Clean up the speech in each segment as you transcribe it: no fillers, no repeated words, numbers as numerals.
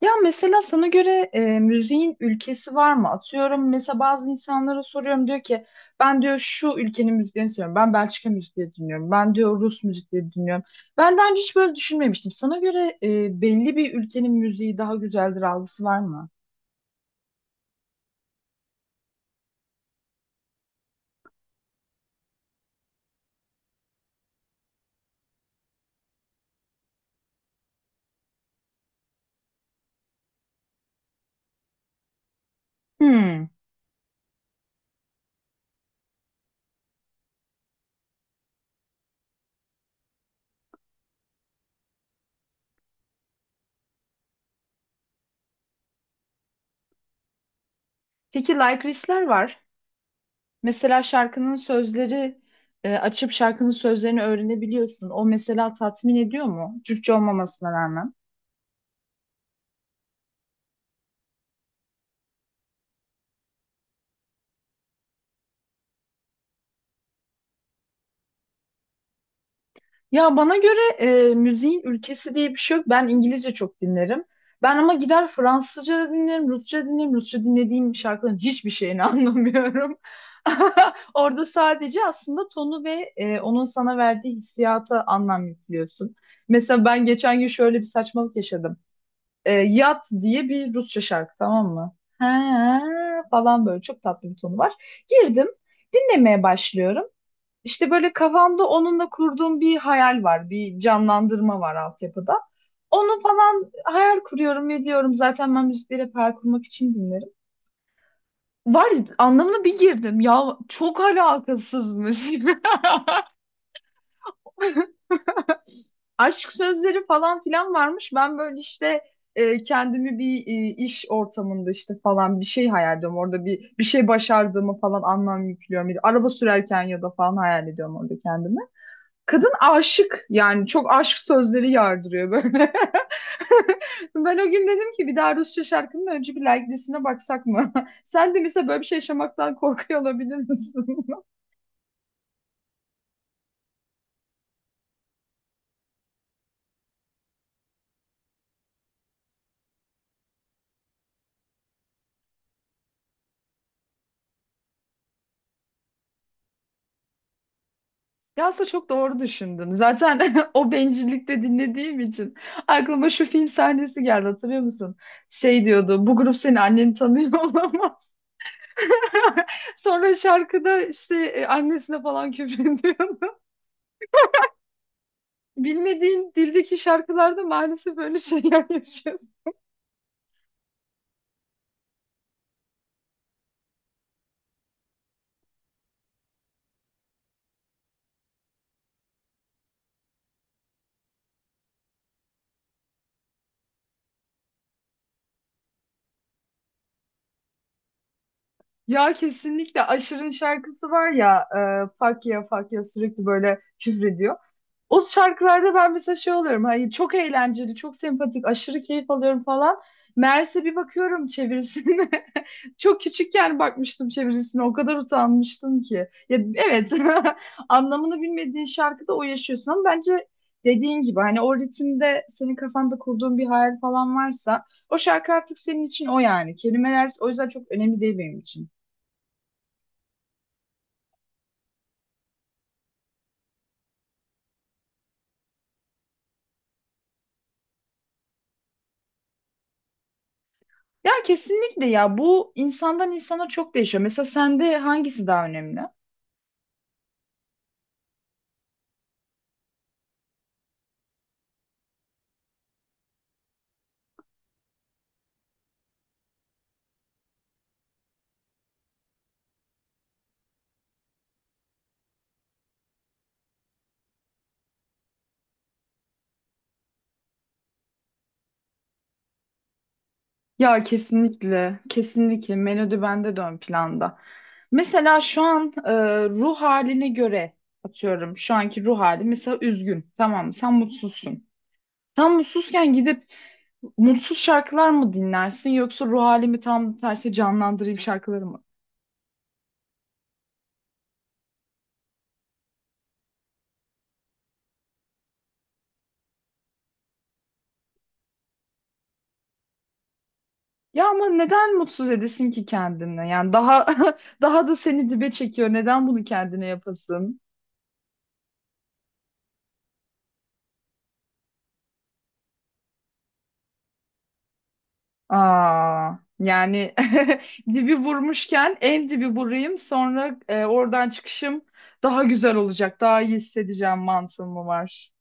Ya mesela sana göre müziğin ülkesi var mı? Atıyorum mesela bazı insanlara soruyorum diyor ki ben diyor şu ülkenin müziğini seviyorum. Ben Belçika müziği dinliyorum. Ben diyor Rus müzikleri dinliyorum. Ben daha önce hiç böyle düşünmemiştim. Sana göre belli bir ülkenin müziği daha güzeldir algısı var mı? Hmm. Peki like listler var. Mesela şarkının sözleri açıp şarkının sözlerini öğrenebiliyorsun. O mesela tatmin ediyor mu? Türkçe olmamasına rağmen. Ya bana göre müziğin ülkesi diye bir şey yok. Ben İngilizce çok dinlerim. Ben ama gider Fransızca da dinlerim, Rusça dinlerim. Rusça dinlediğim şarkıların hiçbir şeyini anlamıyorum. Orada sadece aslında tonu ve onun sana verdiği hissiyata anlam yüklüyorsun. Mesela ben geçen gün şöyle bir saçmalık yaşadım. Yat diye bir Rusça şarkı, tamam mı? Ha, falan böyle çok tatlı bir tonu var. Girdim, dinlemeye başlıyorum. İşte böyle kafamda onunla kurduğum bir hayal var, bir canlandırma var altyapıda. Onu falan hayal kuruyorum ve diyorum zaten ben müzikleri hep hayal kurmak için dinlerim. Var anlamına bir girdim. Ya çok alakasızmış. Aşk sözleri falan filan varmış. Ben böyle işte kendimi bir iş ortamında işte falan bir şey hayal ediyorum. Orada bir şey başardığımı falan anlam yüklüyorum. Araba sürerken ya da falan hayal ediyorum orada kendimi. Kadın aşık yani çok aşk sözleri yardırıyor böyle. Ben o gün dedim ki bir daha Rusça şarkının önce bir like listesine baksak mı? Sen de mesela böyle bir şey yaşamaktan korkuyor olabilir misin? Ya aslında çok doğru düşündün. Zaten o bencillikte dinlediğim için aklıma şu film sahnesi geldi, hatırlıyor musun? Şey diyordu, bu grup senin anneni tanıyor olamaz. Sonra şarkıda işte annesine falan küfür ediyordu. Bilmediğin dildeki şarkılarda maalesef böyle şeyler yaşıyor. Ya kesinlikle Aşır'ın şarkısı var ya, Fuck ya fuck ya sürekli böyle küfrediyor. O şarkılarda ben mesela şey oluyorum. Hayır, çok eğlenceli, çok sempatik, aşırı keyif alıyorum falan. Meğerse bir bakıyorum çevirisine. Çok küçükken bakmıştım çevirisine. O kadar utanmıştım ki. Ya, evet anlamını bilmediğin şarkıda o yaşıyorsun ama bence dediğin gibi hani o ritimde senin kafanda kurduğun bir hayal falan varsa o şarkı artık senin için o yani. Kelimeler o yüzden çok önemli değil benim için. Ya kesinlikle ya, bu insandan insana çok değişiyor. Mesela sende hangisi daha önemli? Ya kesinlikle, kesinlikle melodi bende de ön planda. Mesela şu an ruh haline göre atıyorum şu anki ruh hali mesela üzgün. Tamam mı? Sen mutsuzsun. Sen mutsuzken gidip mutsuz şarkılar mı dinlersin yoksa ruh halimi tam tersi canlandırayım şarkıları mı? Ya ama neden mutsuz edesin ki kendini? Yani daha daha da seni dibe çekiyor. Neden bunu kendine yapasın? Aa, yani dibi vurmuşken en dibi vurayım sonra oradan çıkışım daha güzel olacak, daha iyi hissedeceğim mantığı mı var?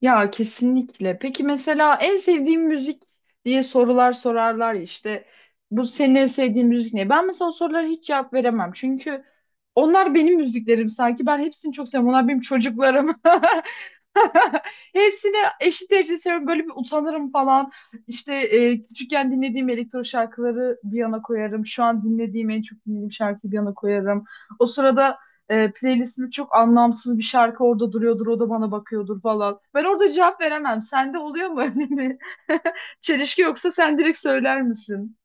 Ya kesinlikle. Peki mesela en sevdiğim müzik diye sorular sorarlar ya işte, bu senin en sevdiğin müzik ne? Ben mesela o sorulara hiç cevap veremem çünkü onlar benim müziklerim, sanki ben hepsini çok seviyorum. Onlar benim çocuklarım. Hepsini eşit derecede seviyorum. Böyle bir utanırım falan. İşte küçükken dinlediğim elektro şarkıları bir yana koyarım. Şu an dinlediğim, en çok dinlediğim şarkıyı bir yana koyarım. O sırada playlistimde çok anlamsız bir şarkı orada duruyordur. O da bana bakıyordur falan. Ben orada cevap veremem. Sende oluyor mu öyle bir çelişki, yoksa sen direkt söyler misin?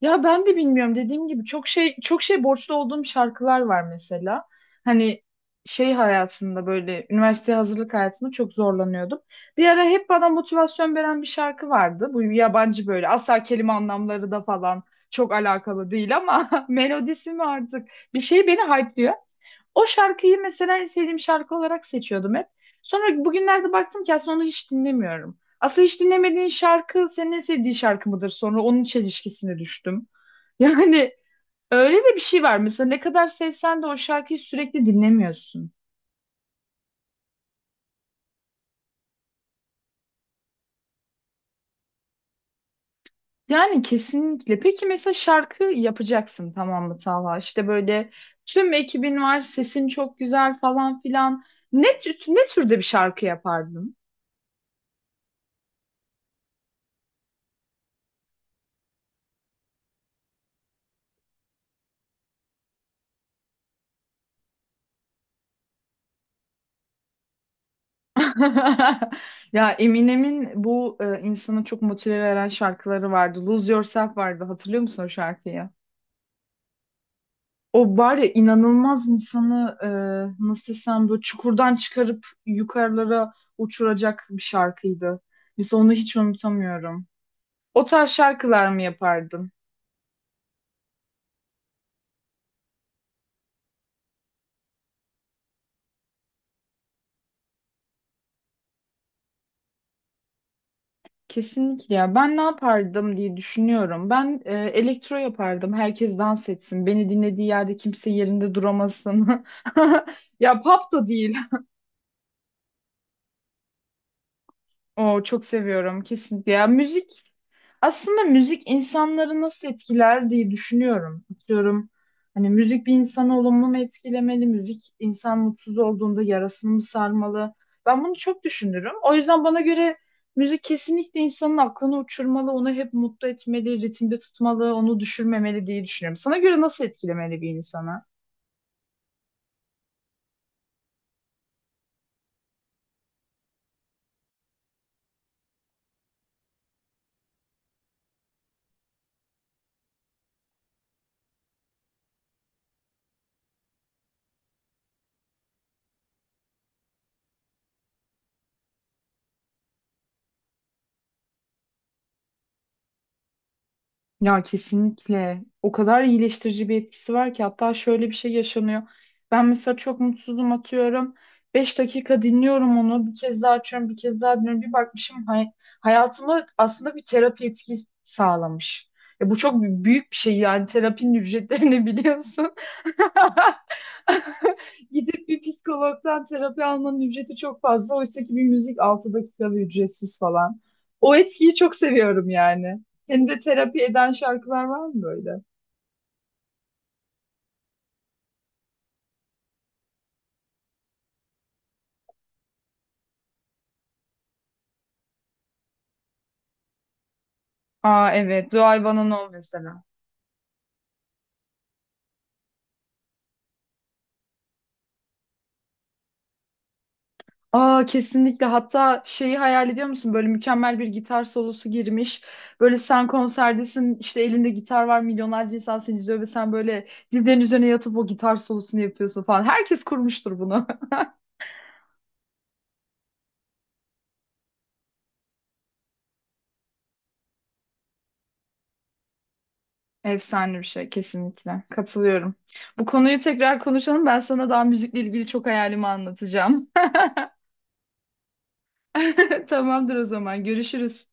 Ya ben de bilmiyorum. Dediğim gibi çok şey borçlu olduğum şarkılar var mesela. Hani şey hayatında, böyle üniversite hazırlık hayatında çok zorlanıyordum. Bir ara hep bana motivasyon veren bir şarkı vardı. Bu yabancı, böyle asla kelime anlamları da falan çok alakalı değil ama melodisi mi artık bir şey beni hype'lıyor. O şarkıyı mesela en sevdiğim şarkı olarak seçiyordum hep. Sonra bugünlerde baktım ki aslında onu hiç dinlemiyorum. Aslında hiç dinlemediğin şarkı senin en sevdiğin şarkı mıdır? Sonra onun çelişkisine düştüm. Yani öyle de bir şey var. Mesela ne kadar sevsen de o şarkıyı sürekli dinlemiyorsun. Yani kesinlikle. Peki mesela şarkı yapacaksın, tamam mı Talha? İşte böyle tüm ekibin var, sesin çok güzel falan filan. Ne türde bir şarkı yapardın? Ya Eminem'in bu insanı çok motive veren şarkıları vardı. Lose Yourself vardı. Hatırlıyor musun o şarkıyı? O var ya, inanılmaz insanı nasıl desem böyle çukurdan çıkarıp yukarılara uçuracak bir şarkıydı. Mesela onu hiç unutamıyorum. O tarz şarkılar mı yapardım? Kesinlikle ya. Ben ne yapardım diye düşünüyorum. Ben elektro yapardım. Herkes dans etsin. Beni dinlediği yerde kimse yerinde duramasın. Ya pop da değil. O çok seviyorum kesinlikle. Ya müzik, aslında müzik insanları nasıl etkiler diye düşünüyorum. Atıyorum hani müzik bir insanı olumlu mu etkilemeli? Müzik insan mutsuz olduğunda yarasını mı sarmalı? Ben bunu çok düşünürüm. O yüzden bana göre müzik kesinlikle insanın aklını uçurmalı, onu hep mutlu etmeli, ritimde tutmalı, onu düşürmemeli diye düşünüyorum. Sana göre nasıl etkilemeli bir insanı? Ya kesinlikle. O kadar iyileştirici bir etkisi var ki hatta şöyle bir şey yaşanıyor. Ben mesela çok mutsuzum atıyorum. 5 dakika dinliyorum onu. Bir kez daha açıyorum, bir kez daha dinliyorum. Bir bakmışım, hayatıma aslında bir terapi etkisi sağlamış. Ya bu çok büyük bir şey yani, terapinin ücretlerini biliyorsun. Gidip bir psikologdan terapi almanın ücreti çok fazla. Oysa ki bir müzik 6 dakika ücretsiz falan. O etkiyi çok seviyorum yani. Senin de terapi eden şarkılar var mı böyle? Aa evet. Do I Wanna Know mesela. Aa kesinlikle. Hatta şeyi hayal ediyor musun? Böyle mükemmel bir gitar solosu girmiş. Böyle sen konserdesin işte, elinde gitar var, milyonlarca insan seni izliyor ve sen böyle dizlerin üzerine yatıp o gitar solosunu yapıyorsun falan. Herkes kurmuştur bunu. Efsane bir şey kesinlikle. Katılıyorum. Bu konuyu tekrar konuşalım. Ben sana daha müzikle ilgili çok hayalimi anlatacağım. Tamamdır o zaman. Görüşürüz.